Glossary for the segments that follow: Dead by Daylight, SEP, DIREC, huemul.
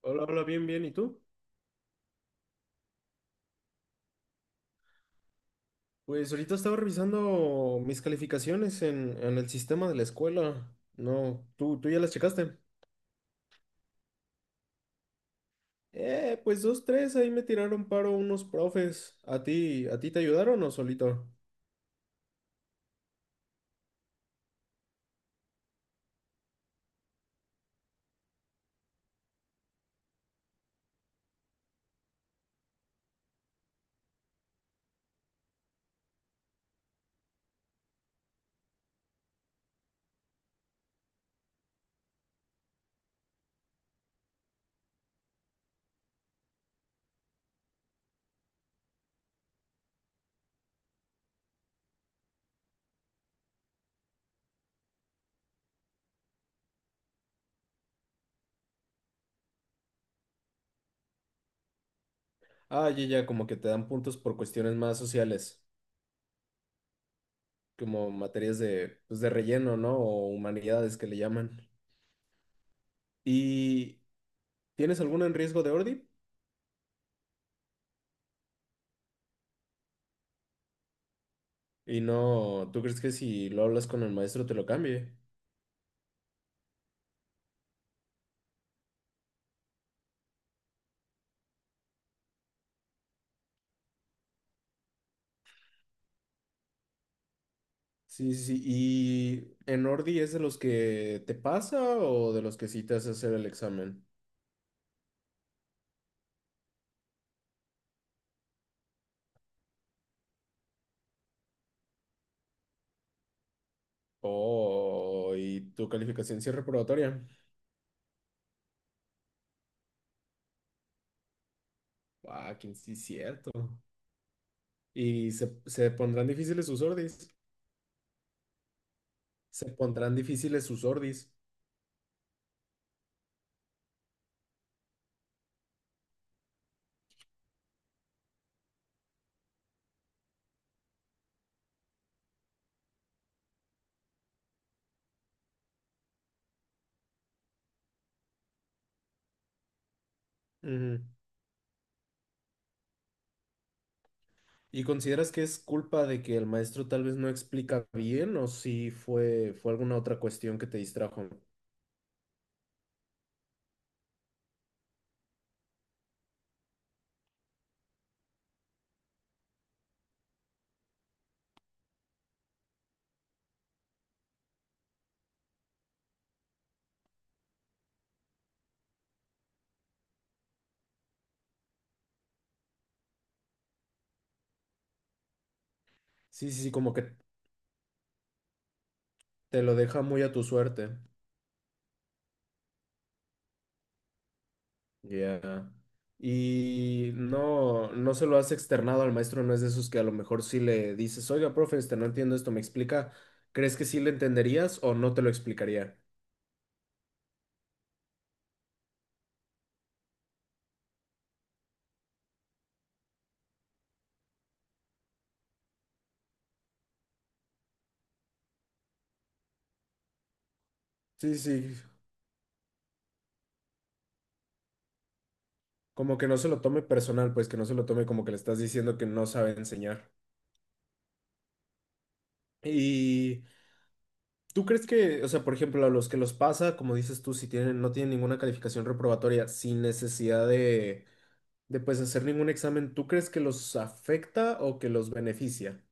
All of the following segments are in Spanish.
Hola, hola, bien, bien. ¿Y tú? Pues ahorita estaba revisando mis calificaciones en el sistema de la escuela. No, ¿tú ya las checaste? Pues dos, tres, ahí me tiraron paro unos profes. ¿A ti te ayudaron o solito? Ah, ya, ya, como que te dan puntos por cuestiones más sociales, como materias de, pues, de relleno, ¿no? O humanidades que le llaman. ¿Y tienes alguna en riesgo de ordi? Y no, ¿tú crees que si lo hablas con el maestro te lo cambie? Sí, sí, sí. ¿Y en Ordi es de los que te pasa o de los que sí te hace hacer el examen? Oh, ¿y tu calificación sí es reprobatoria? Ah, que sí, cierto. ¿Y se pondrán difíciles sus Ordis? Se pondrán difíciles sus Ordis. Ujú. ¿Y consideras que es culpa de que el maestro tal vez no explica bien o si fue alguna otra cuestión que te distrajo? Sí, sí, sí, como que te lo deja muy a tu suerte. Ya. Y no, no se lo has externado al maestro, no es de esos que a lo mejor sí le dices, oiga, profe, este, no entiendo esto, ¿me explica? ¿Crees que sí le entenderías o no te lo explicaría? Sí, sí. Como que no se lo tome personal, pues que no se lo tome como que le estás diciendo que no sabe enseñar. ¿Y tú crees que, o sea, por ejemplo, a los que los pasa, como dices tú, si tienen, no tienen ninguna calificación reprobatoria, sin necesidad de pues hacer ningún examen, ¿tú crees que los afecta o que los beneficia?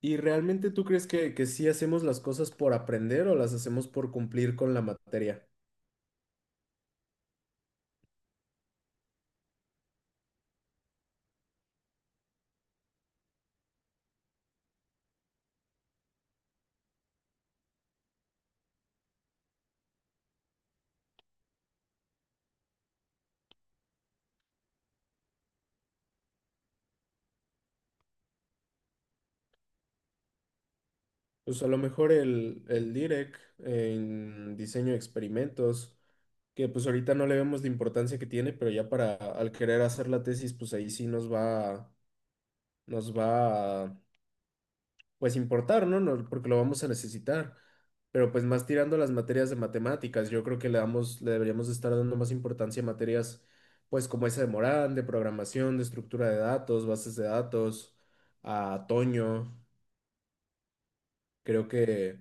¿Y realmente tú crees que sí hacemos las cosas por aprender o las hacemos por cumplir con la materia? Pues a lo mejor el DIREC en diseño de experimentos, que pues ahorita no le vemos la importancia que tiene, pero ya para al querer hacer la tesis, pues ahí sí nos va a, pues importar, ¿no? No, porque lo vamos a necesitar. Pero pues más tirando a las materias de matemáticas, yo creo que le damos, le deberíamos estar dando más importancia a materias, pues como esa de Morán, de programación, de estructura de datos, bases de datos, a Toño, creo que...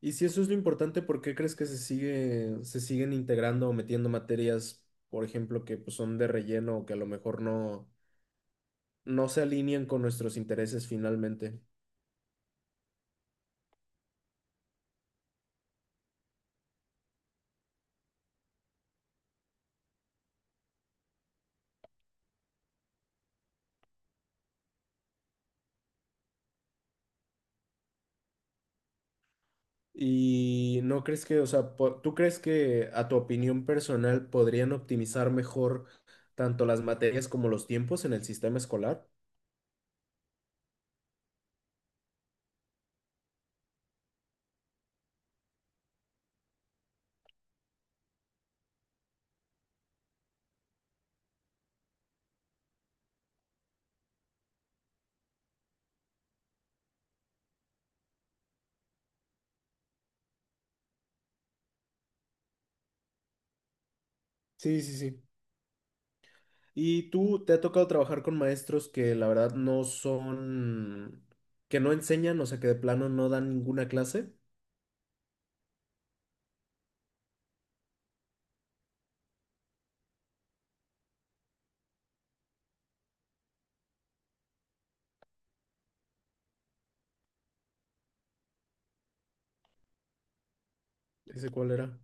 Y si eso es lo importante, ¿por qué crees que se sigue, se siguen integrando o metiendo materias, por ejemplo, que pues, son de relleno o que a lo mejor no, no se alinean con nuestros intereses finalmente? ¿Y no crees que, o sea, po- tú crees que a tu opinión personal podrían optimizar mejor tanto las materias como los tiempos en el sistema escolar? Sí, sí, sí. Y tú te ha tocado trabajar con maestros que la verdad no son, que no enseñan, o sea, que de plano no dan ninguna clase. ¿Ese cuál era?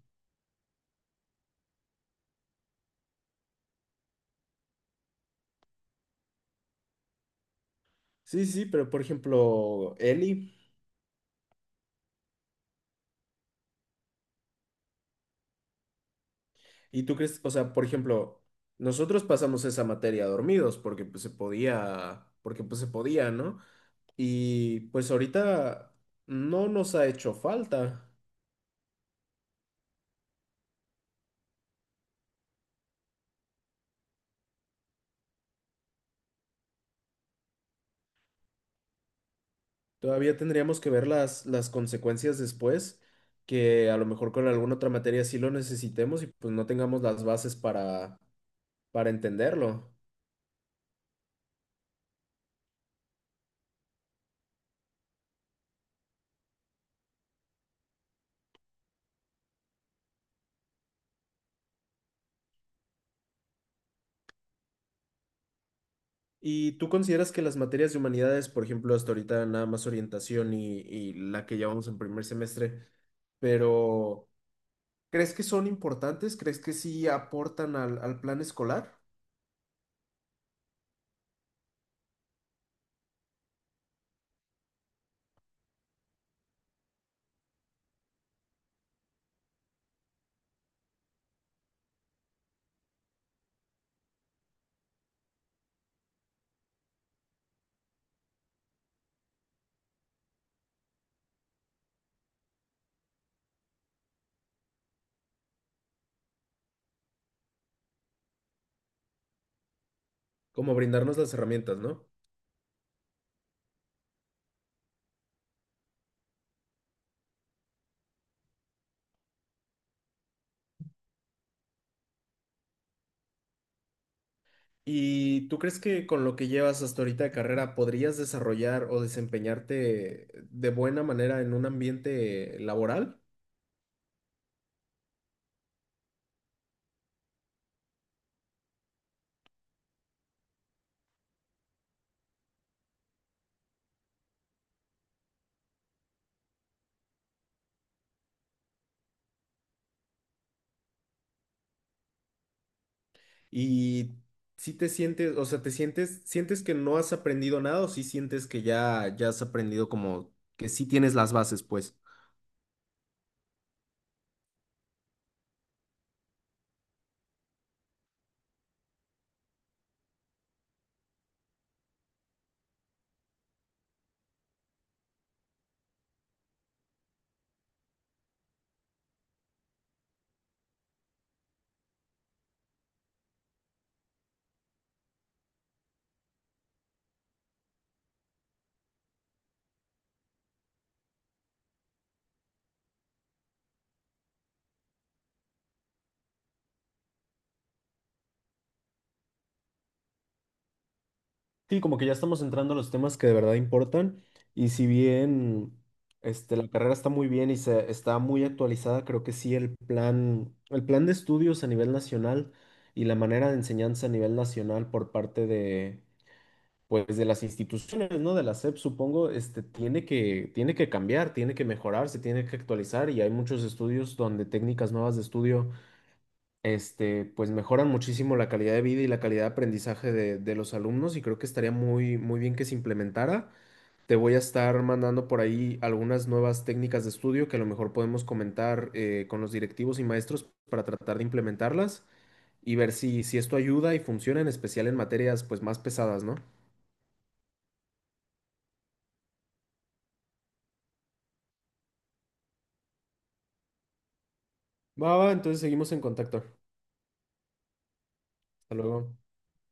Sí, sí, pero por ejemplo, Eli, ¿y tú crees, o sea, por ejemplo, nosotros pasamos esa materia dormidos porque pues se podía, porque pues se podía, ¿no? Y pues ahorita no nos ha hecho falta. Todavía tendríamos que ver las consecuencias después, que a lo mejor con alguna otra materia sí lo necesitemos y pues no tengamos las bases para entenderlo. ¿Y tú consideras que las materias de humanidades, por ejemplo, hasta ahorita nada más orientación y la que llevamos en primer semestre, pero ¿crees que son importantes? ¿Crees que sí aportan al, al plan escolar? Como brindarnos las herramientas, ¿no? ¿Y tú crees que con lo que llevas hasta ahorita de carrera podrías desarrollar o desempeñarte de buena manera en un ambiente laboral? ¿Y si te sientes, o sea, te sientes, sientes que no has aprendido nada o si sientes que ya, ya has aprendido como que sí tienes las bases, pues? Sí, como que ya estamos entrando a los temas que de verdad importan y si bien este, la carrera está muy bien y se, está muy actualizada, creo que sí el plan de estudios a nivel nacional y la manera de enseñanza a nivel nacional por parte de, pues, de las instituciones, ¿no? De la SEP, supongo, este, tiene que cambiar, tiene que mejorar, se tiene que actualizar y hay muchos estudios donde técnicas nuevas de estudio este, pues mejoran muchísimo la calidad de vida y la calidad de aprendizaje de los alumnos y creo que estaría muy, muy bien que se implementara. Te voy a estar mandando por ahí algunas nuevas técnicas de estudio que a lo mejor podemos comentar con los directivos y maestros para tratar de implementarlas y ver si, si esto ayuda y funciona, en especial en materias pues más pesadas, ¿no? Va, va, entonces seguimos en contacto. Hasta luego.